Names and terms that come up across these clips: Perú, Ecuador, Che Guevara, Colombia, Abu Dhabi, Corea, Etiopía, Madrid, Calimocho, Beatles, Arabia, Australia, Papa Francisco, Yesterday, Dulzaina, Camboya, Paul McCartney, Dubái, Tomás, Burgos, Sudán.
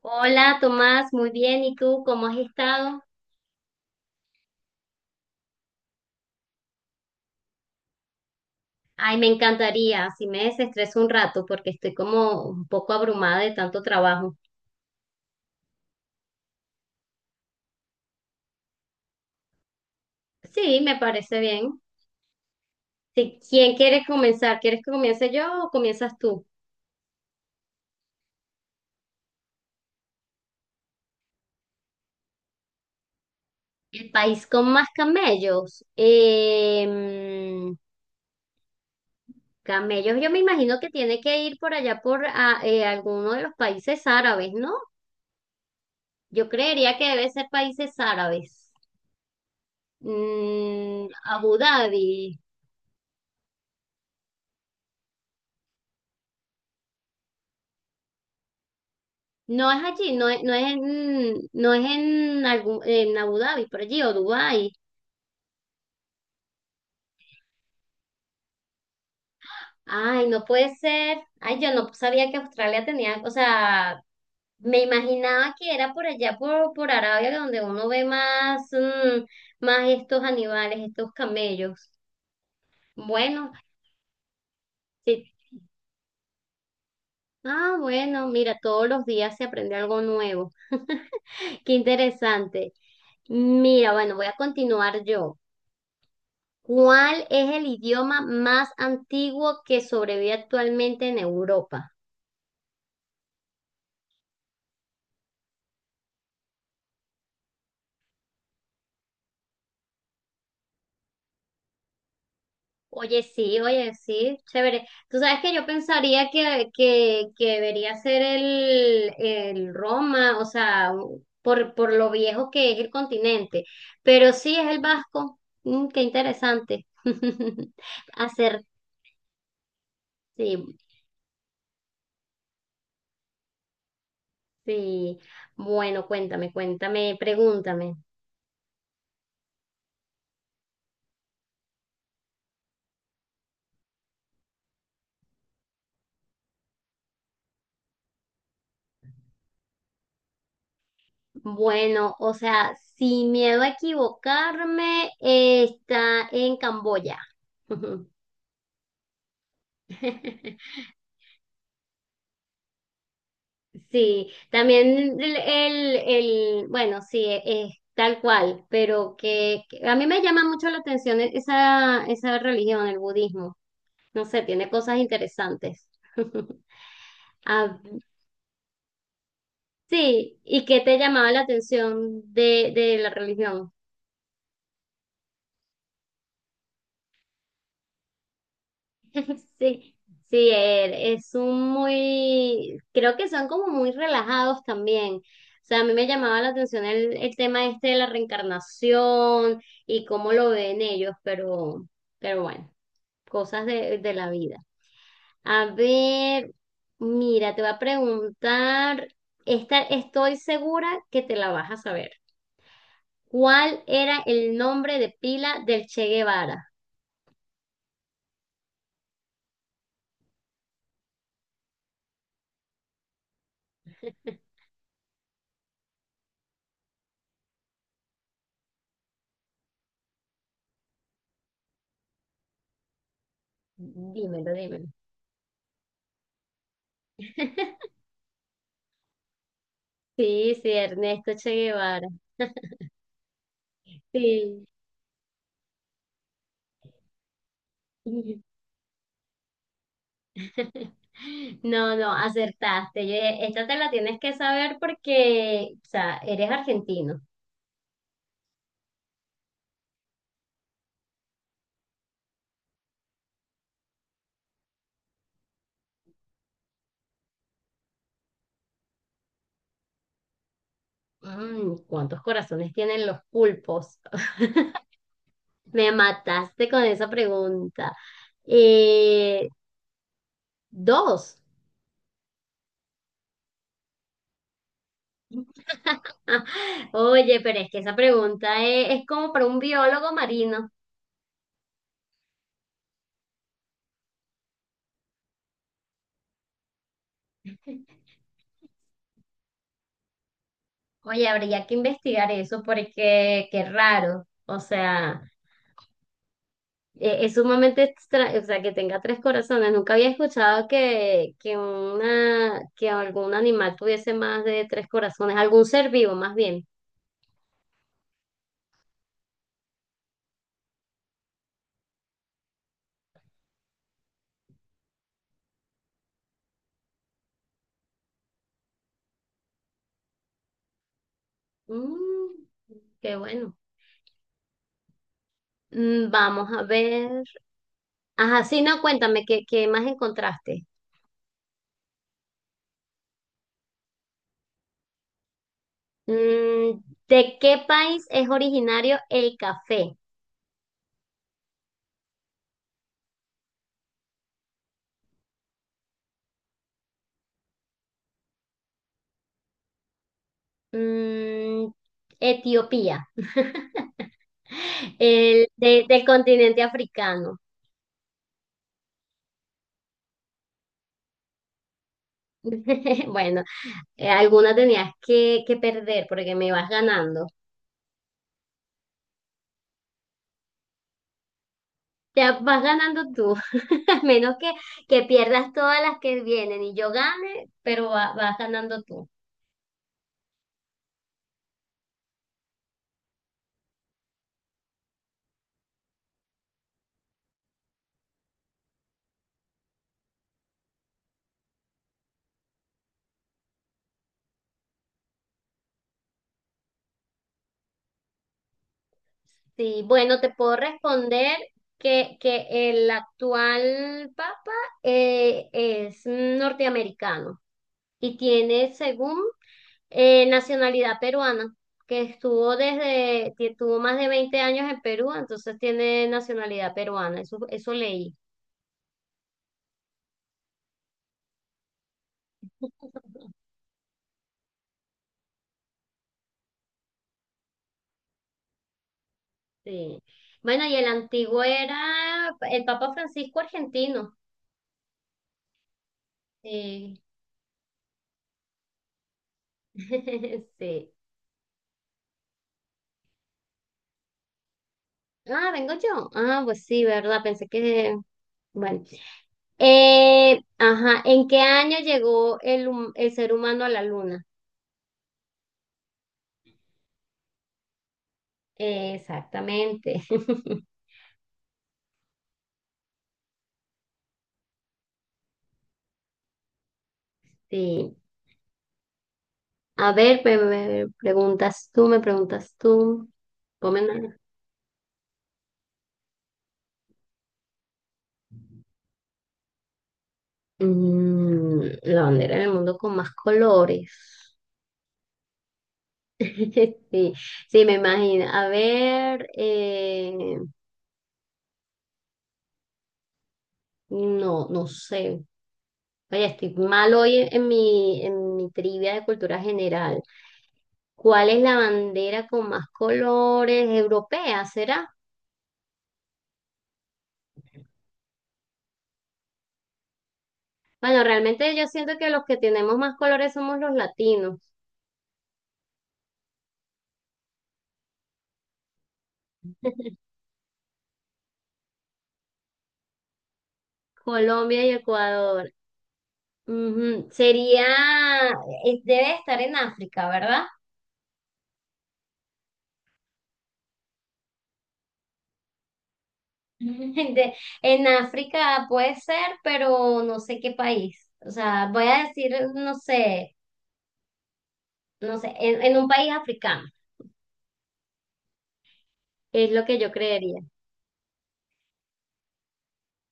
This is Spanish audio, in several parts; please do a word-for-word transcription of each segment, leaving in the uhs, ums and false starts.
Hola Tomás, muy bien. ¿Y tú cómo has estado? Ay, me encantaría, si me desestreso un rato porque estoy como un poco abrumada de tanto trabajo. Sí, me parece bien. Sí, ¿quién quiere comenzar? ¿Quieres que comience yo o comienzas tú? El país con más camellos. Em, camellos, yo me imagino que tiene que ir por allá por ah, eh, alguno de los países árabes, ¿no? Yo creería que debe ser países árabes. Mm, Abu Dhabi. No es allí, no es, no es en, no es en, algún, en Abu Dhabi, por allí, o Dubái. Ay, no puede ser. Ay, yo no sabía que Australia tenía, o sea, me imaginaba que era por allá, por, por Arabia, donde uno ve más, mm, más estos animales, estos camellos. Bueno, sí. Ah, bueno, mira, todos los días se aprende algo nuevo. Qué interesante. Mira, bueno, voy a continuar yo. ¿Cuál es el idioma más antiguo que sobrevive actualmente en Europa? Oye, sí, oye, sí, chévere. Tú sabes que yo pensaría que, que, que debería ser el, el Roma, o sea, por, por lo viejo que es el continente, pero sí es el vasco. Mm, qué interesante. Hacer, sí, sí. Bueno, cuéntame, cuéntame, pregúntame. Bueno, o sea, sin miedo a equivocarme, eh, está en Camboya. Ujú. Sí, también el, el, el- bueno, sí, es tal cual, pero que, que a mí me llama mucho la atención e, esa, esa religión, el budismo. No sé, tiene cosas interesantes. Ah, sí, ¿y qué te llamaba la atención de, de la religión? Sí, sí, er- es un muy, creo que son como muy relajados también. O sea, a mí me llamaba la atención el, el tema este de la reencarnación y cómo lo ven ellos, pero, pero bueno, cosas de, de la vida. A ver, mira, te voy a preguntar, esta, estoy segura que te la vas a saber. ¿Cuál era el nombre de pila del Che Guevara? Dímelo, dímelo. Sí, sí, Ernesto Che Guevara. Sí. No, no, acertaste. Yo dije, esta te la tienes que saber porque, o sea, eres argentino. Mm, ¿cuántos corazones tienen los pulpos? Me mataste con esa pregunta. Eh, Dos. Oye, pero es que esa pregunta es, es como para un biólogo marino. Oye, habría que investigar eso porque qué raro. O sea. Eh, es sumamente extra o sea, que tenga tres corazones. Nunca había escuchado que, que, una, que algún animal tuviese más de tres corazones, algún ser vivo más bien. Mm, qué bueno. Mm, vamos a ver. Ajá, sí, no, cuéntame, ¿qué, qué más encontraste? Mm, ¿De qué país es originario el café? Mm, Etiopía, el, de- del continente africano. Bueno. Eh, alguna tenías que, que perder porque me vas ganando. Ya vas ganando tú, a menos que, que pierdas todas las que vienen y yo gane, pero va- vas ganando tú. Sí, bueno, te puedo responder que, que el actual papa eh, es norteamericano y tiene, según, eh, nacionalidad peruana, que estuvo desde, que tuvo más de veinte años en Perú, entonces tiene nacionalidad peruana, eso, eso leí. Sí. Bueno, y el antiguo era el Papa Francisco argentino. Sí. Sí. Ah, vengo yo. Ah, pues sí, ¿verdad? Pensé que. Bueno. Eh, ajá, ¿en qué año llegó el, hum- el ser humano a la luna? Exactamente. Sí. A ver, pe- pe- preguntas tú, me preguntas tú. Ponme una- Mm, la bandera del mundo con más colores. Sí, sí, me imagino. A ver, eh, no, no sé. Oye, estoy mal hoy en en mi, en mi trivia de cultura general. ¿Cuál es la bandera con más colores? ¿Europea, será? Bueno, realmente yo siento que los que tenemos más colores somos los latinos, Colombia y Ecuador. Ujú. Sería, eh, debe estar en África, ¿verdad? De- en África puede ser, pero no sé qué país. O sea, voy a decir, no sé, no sé, en, en un país africano, es lo que yo creería.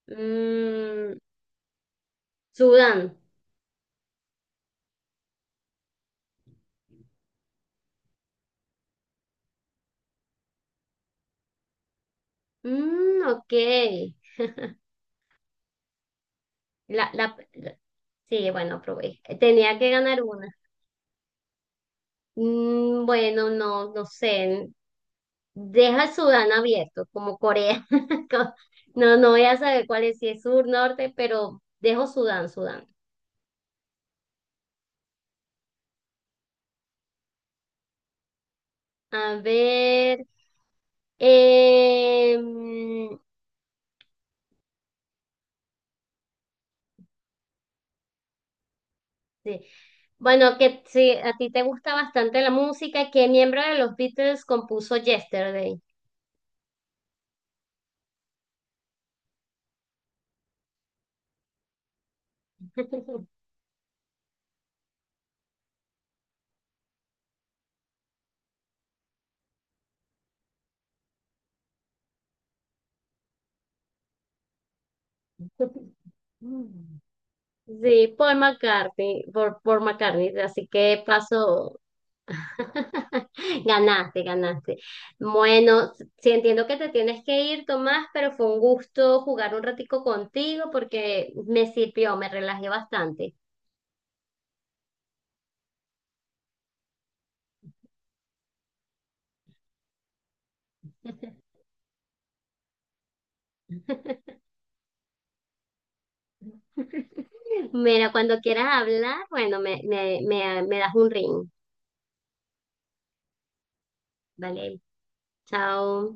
Mm, Sudán. Mm, ok. La, la, la- sí, bueno, probé. Tenía que ganar una. Mm, bueno, no, no sé. Deja Sudán abierto, como Corea. Co- No, no voy a saber cuál es, si es sur, norte, pero dejo Sudán, Sudán. A ver. em, sí. Bueno, que si a ti te gusta bastante la música, ¿qué miembro de los Beatles compuso Yesterday? Sí, Paul McCartney, por, por McCartney, así que paso. Ganaste, ganaste. Bueno, sí entiendo que te tienes que ir, Tomás, pero fue un gusto jugar un ratico contigo porque me sirvió, me relajé bastante. Mira, cuando quieras hablar, bueno, me, me, me, me das un ring, ¿vale? Chao.